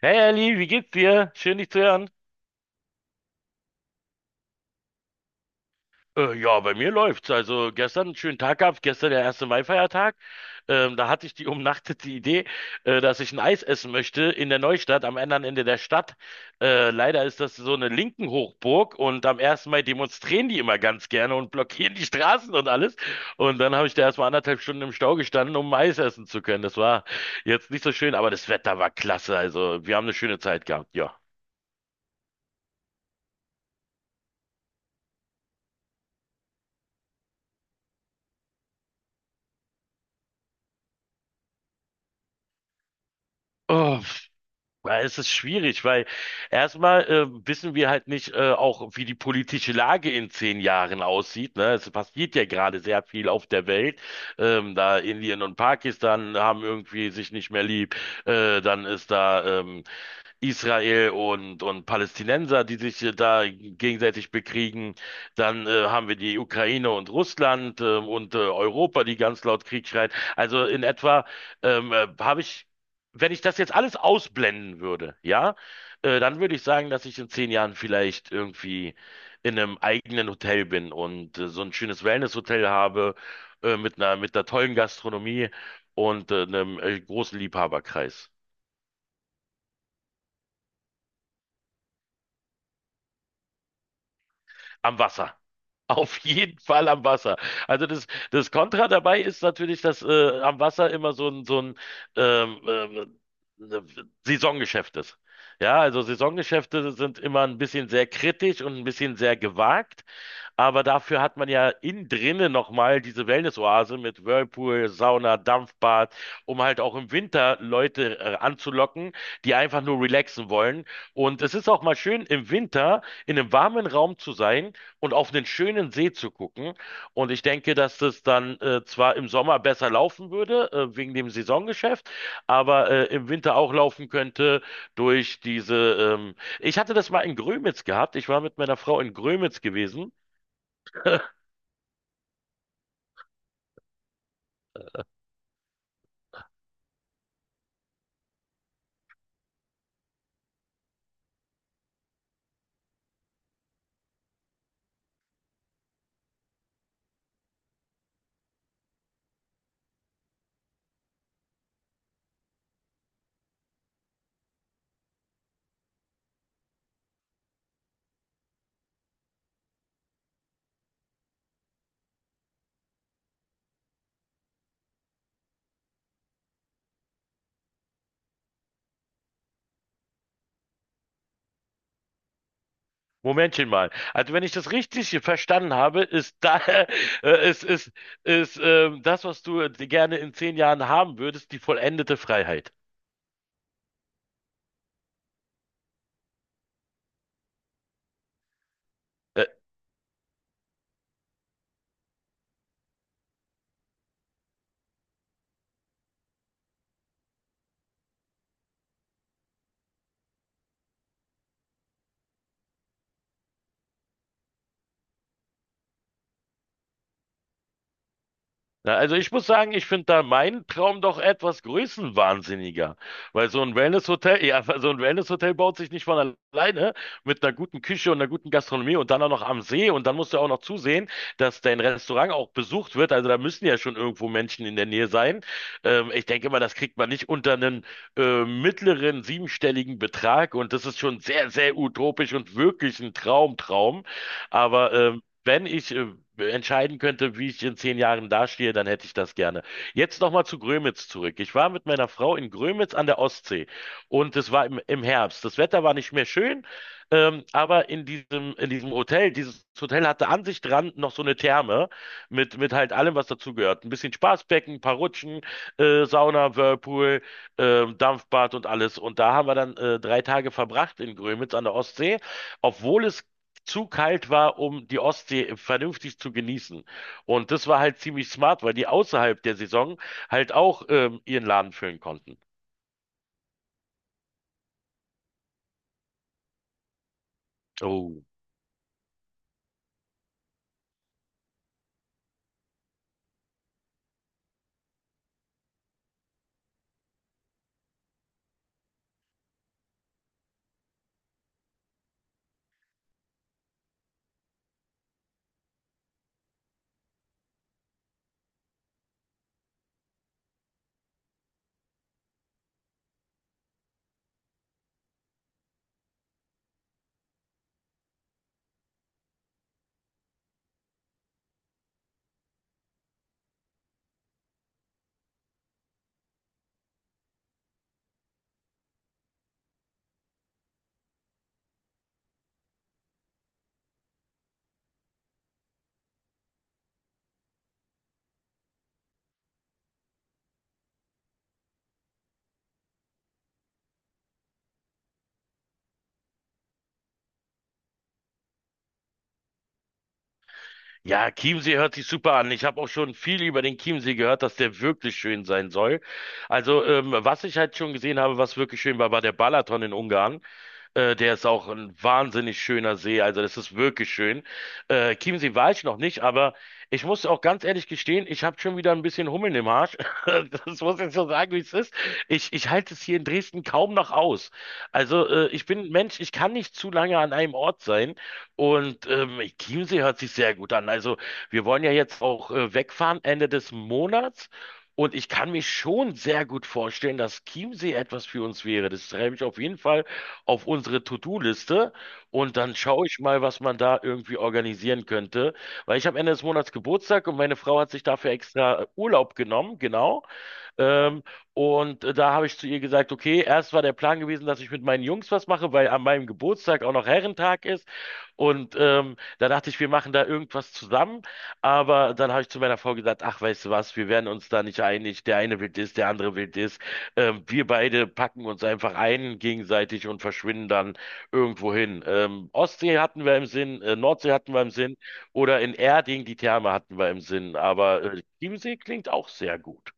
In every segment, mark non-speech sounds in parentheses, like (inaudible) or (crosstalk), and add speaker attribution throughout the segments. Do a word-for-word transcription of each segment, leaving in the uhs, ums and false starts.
Speaker 1: Hey Ali, wie geht's dir? Schön dich zu hören. Äh, ja, bei mir läuft's. Also gestern einen schönen Tag gehabt, gestern der erste Mai-Feiertag. Ähm, da hatte ich die (laughs) umnachtete Idee, äh, dass ich ein Eis essen möchte in der Neustadt, am anderen Ende der Stadt. Äh, leider ist das so eine linken Hochburg und am ersten Mai demonstrieren die immer ganz gerne und blockieren die Straßen und alles. Und dann habe ich da erstmal anderthalb Stunden im Stau gestanden, um Eis essen zu können. Das war jetzt nicht so schön, aber das Wetter war klasse. Also wir haben eine schöne Zeit gehabt, ja. Oh. Ja, es ist schwierig, weil erstmal äh, wissen wir halt nicht äh, auch, wie die politische Lage in zehn Jahren aussieht. Ne? Es passiert ja gerade sehr viel auf der Welt. Ähm, da Indien und Pakistan haben irgendwie sich nicht mehr lieb. Äh, dann ist da ähm, Israel und, und Palästinenser, die sich äh, da gegenseitig bekriegen. Dann äh, haben wir die Ukraine und Russland ähm, und äh, Europa, die ganz laut Krieg schreien. Also in etwa ähm, äh, habe ich wenn ich das jetzt alles ausblenden würde, ja, äh, dann würde ich sagen, dass ich in zehn Jahren vielleicht irgendwie in einem eigenen Hotel bin und äh, so ein schönes Wellness-Hotel habe, äh, mit einer, mit einer tollen Gastronomie und äh, einem äh, großen Liebhaberkreis am Wasser. Auf jeden Fall am Wasser. Also das, das Kontra dabei ist natürlich, dass äh, am Wasser immer so ein, so ein ähm, ähm, ne- Saisongeschäft ist. Ja, also Saisongeschäfte sind immer ein bisschen sehr kritisch und ein bisschen sehr gewagt. Aber dafür hat man ja innen drinnen nochmal diese Wellness-Oase mit Whirlpool, Sauna, Dampfbad, um halt auch im Winter Leute äh, anzulocken, die einfach nur relaxen wollen. Und es ist auch mal schön, im Winter in einem warmen Raum zu sein und auf einen schönen See zu gucken. Und ich denke, dass das dann äh, zwar im Sommer besser laufen würde, äh, wegen dem Saisongeschäft, aber äh, im Winter auch laufen könnte durch diese. Ähm ich hatte das mal in Grömitz gehabt. Ich war mit meiner Frau in Grömitz gewesen. Momentchen mal. Also wenn ich das richtig verstanden habe, ist da (laughs) äh, ist, ist, ist ähm, das, was du äh, gerne in zehn Jahren haben würdest, die vollendete Freiheit. Äh, Na, also ich muss sagen, ich finde da meinen Traum doch etwas größenwahnsinniger, weil so ein Wellnesshotel, ja, (laughs) so ein Wellnesshotel baut sich nicht von alleine mit einer guten Küche und einer guten Gastronomie und dann auch noch am See und dann musst du auch noch zusehen, dass dein Restaurant auch besucht wird. Also da müssen ja schon irgendwo Menschen in der Nähe sein. Ähm, ich denke mal, das kriegt man nicht unter einen äh, mittleren siebenstelligen Betrag und das ist schon sehr, sehr utopisch und wirklich ein Traumtraum. Aber ähm, wenn ich äh, entscheiden könnte, wie ich in zehn Jahren dastehe, dann hätte ich das gerne. Jetzt nochmal zu Grömitz zurück. Ich war mit meiner Frau in Grömitz an der Ostsee und es war im, im Herbst. Das Wetter war nicht mehr schön, ähm, aber in diesem, in diesem Hotel, dieses Hotel hatte an sich dran noch so eine Therme mit, mit halt allem, was dazugehört. Ein bisschen Spaßbecken, ein paar Rutschen, äh, Sauna, Whirlpool, ähm, Dampfbad und alles. Und da haben wir dann äh, drei Tage verbracht in Grömitz an der Ostsee, obwohl es zu kalt war, um die Ostsee vernünftig zu genießen. Und das war halt ziemlich smart, weil die außerhalb der Saison halt auch ähm, ihren Laden füllen konnten. Oh. Ja, Chiemsee hört sich super an. Ich habe auch schon viel über den Chiemsee gehört, dass der wirklich schön sein soll. Also, ähm, was ich halt schon gesehen habe, was wirklich schön war, war der Balaton in Ungarn. Äh, der ist auch ein wahnsinnig schöner See. Also das ist wirklich schön. Äh, Chiemsee war ich noch nicht, aber ich muss auch ganz ehrlich gestehen, ich habe schon wieder ein bisschen Hummeln im Arsch. (laughs) Das muss ich so sagen, wie es ist. Ich, ich halte es hier in Dresden kaum noch aus. Also äh, ich bin ein Mensch, ich kann nicht zu lange an einem Ort sein. Und ähm, Chiemsee hört sich sehr gut an. Also wir wollen ja jetzt auch äh, wegfahren Ende des Monats. Und ich kann mir schon sehr gut vorstellen, dass Chiemsee etwas für uns wäre. Das treibe ich auf jeden Fall auf unsere To-Do-Liste und dann schaue ich mal, was man da irgendwie organisieren könnte. Weil ich habe Ende des Monats Geburtstag und meine Frau hat sich dafür extra Urlaub genommen, genau. Ähm, und äh, da habe ich zu ihr gesagt, okay, erst war der Plan gewesen, dass ich mit meinen Jungs was mache, weil an meinem Geburtstag auch noch Herrentag ist. Und ähm, da dachte ich, wir machen da irgendwas zusammen. Aber dann habe ich zu meiner Frau gesagt, ach, weißt du was, wir werden uns da nicht einig. Der eine will das, der andere will das. Ähm, wir beide packen uns einfach ein gegenseitig und verschwinden dann irgendwo hin. Ähm, Ostsee hatten wir im Sinn, äh, Nordsee hatten wir im Sinn oder in Erding die Therme hatten wir im Sinn. Aber äh, Chiemsee klingt auch sehr gut.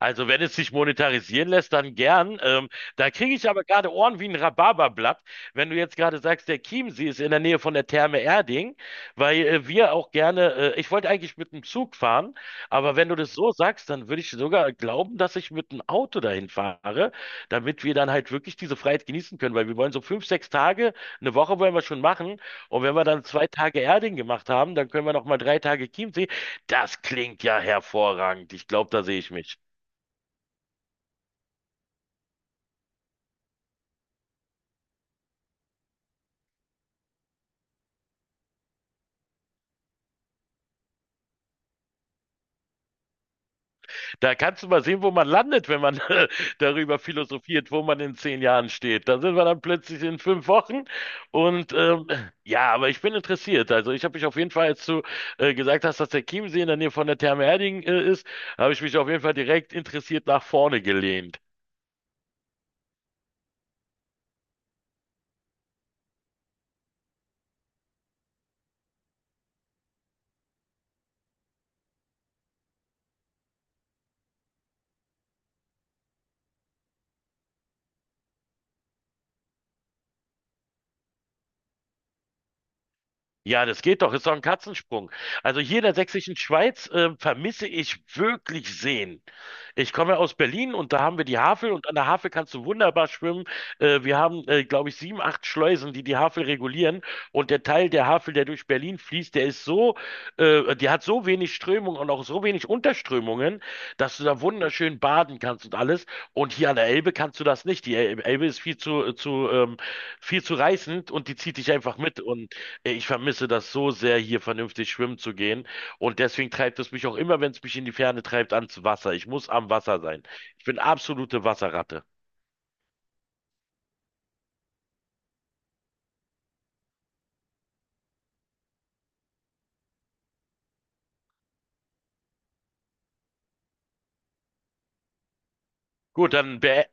Speaker 1: Also wenn es sich monetarisieren lässt, dann gern. Ähm, da kriege ich aber gerade Ohren wie ein Rhabarberblatt, wenn du jetzt gerade sagst, der Chiemsee ist in der Nähe von der Therme Erding, weil äh, wir auch gerne, äh, ich wollte eigentlich mit dem Zug fahren, aber wenn du das so sagst, dann würde ich sogar glauben, dass ich mit dem Auto dahin fahre, damit wir dann halt wirklich diese Freiheit genießen können, weil wir wollen so fünf, sechs Tage, eine Woche wollen wir schon machen und wenn wir dann zwei Tage Erding gemacht haben, dann können wir noch mal drei Tage Chiemsee. Das klingt ja hervorragend. Ich glaube, da sehe ich mich. Da kannst du mal sehen, wo man landet, wenn man (laughs) darüber philosophiert, wo man in zehn Jahren steht. Da sind wir dann plötzlich in fünf Wochen. Und ähm, ja, aber ich bin interessiert. Also ich habe mich auf jeden Fall, als du äh, gesagt hast, dass der Chiemsee in der Nähe von der Therme Erding äh, ist, habe ich mich auf jeden Fall direkt interessiert nach vorne gelehnt. Ja, das geht doch, ist doch ein Katzensprung. Also hier in der Sächsischen Schweiz äh, vermisse ich wirklich Seen. Ich komme aus Berlin und da haben wir die Havel und an der Havel kannst du wunderbar schwimmen. Äh, wir haben, äh, glaube ich, sieben, acht Schleusen, die die Havel regulieren und der Teil der Havel, der durch Berlin fließt, der ist so, äh, die hat so wenig Strömung und auch so wenig Unterströmungen, dass du da wunderschön baden kannst und alles. Und hier an der Elbe kannst du das nicht. Die El- Elbe ist viel zu, äh, zu, ähm, viel zu reißend und die zieht dich einfach mit. Und ich vermisse das so sehr, hier vernünftig schwimmen zu gehen. Und deswegen treibt es mich auch immer, wenn es mich in die Ferne treibt, ans Wasser. Ich muss am Wasser sein. Ich bin absolute Wasserratte. Gut, dann be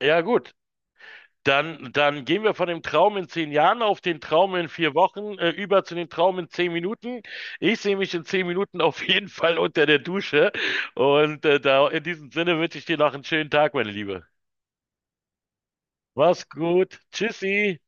Speaker 1: ja, gut. Dann, dann gehen wir von dem Traum in zehn Jahren auf den Traum in vier Wochen, äh, über zu dem Traum in zehn Minuten. Ich sehe mich in zehn Minuten auf jeden Fall unter der Dusche. Und äh, da, in diesem Sinne wünsche ich dir noch einen schönen Tag, meine Liebe. Mach's gut. Tschüssi.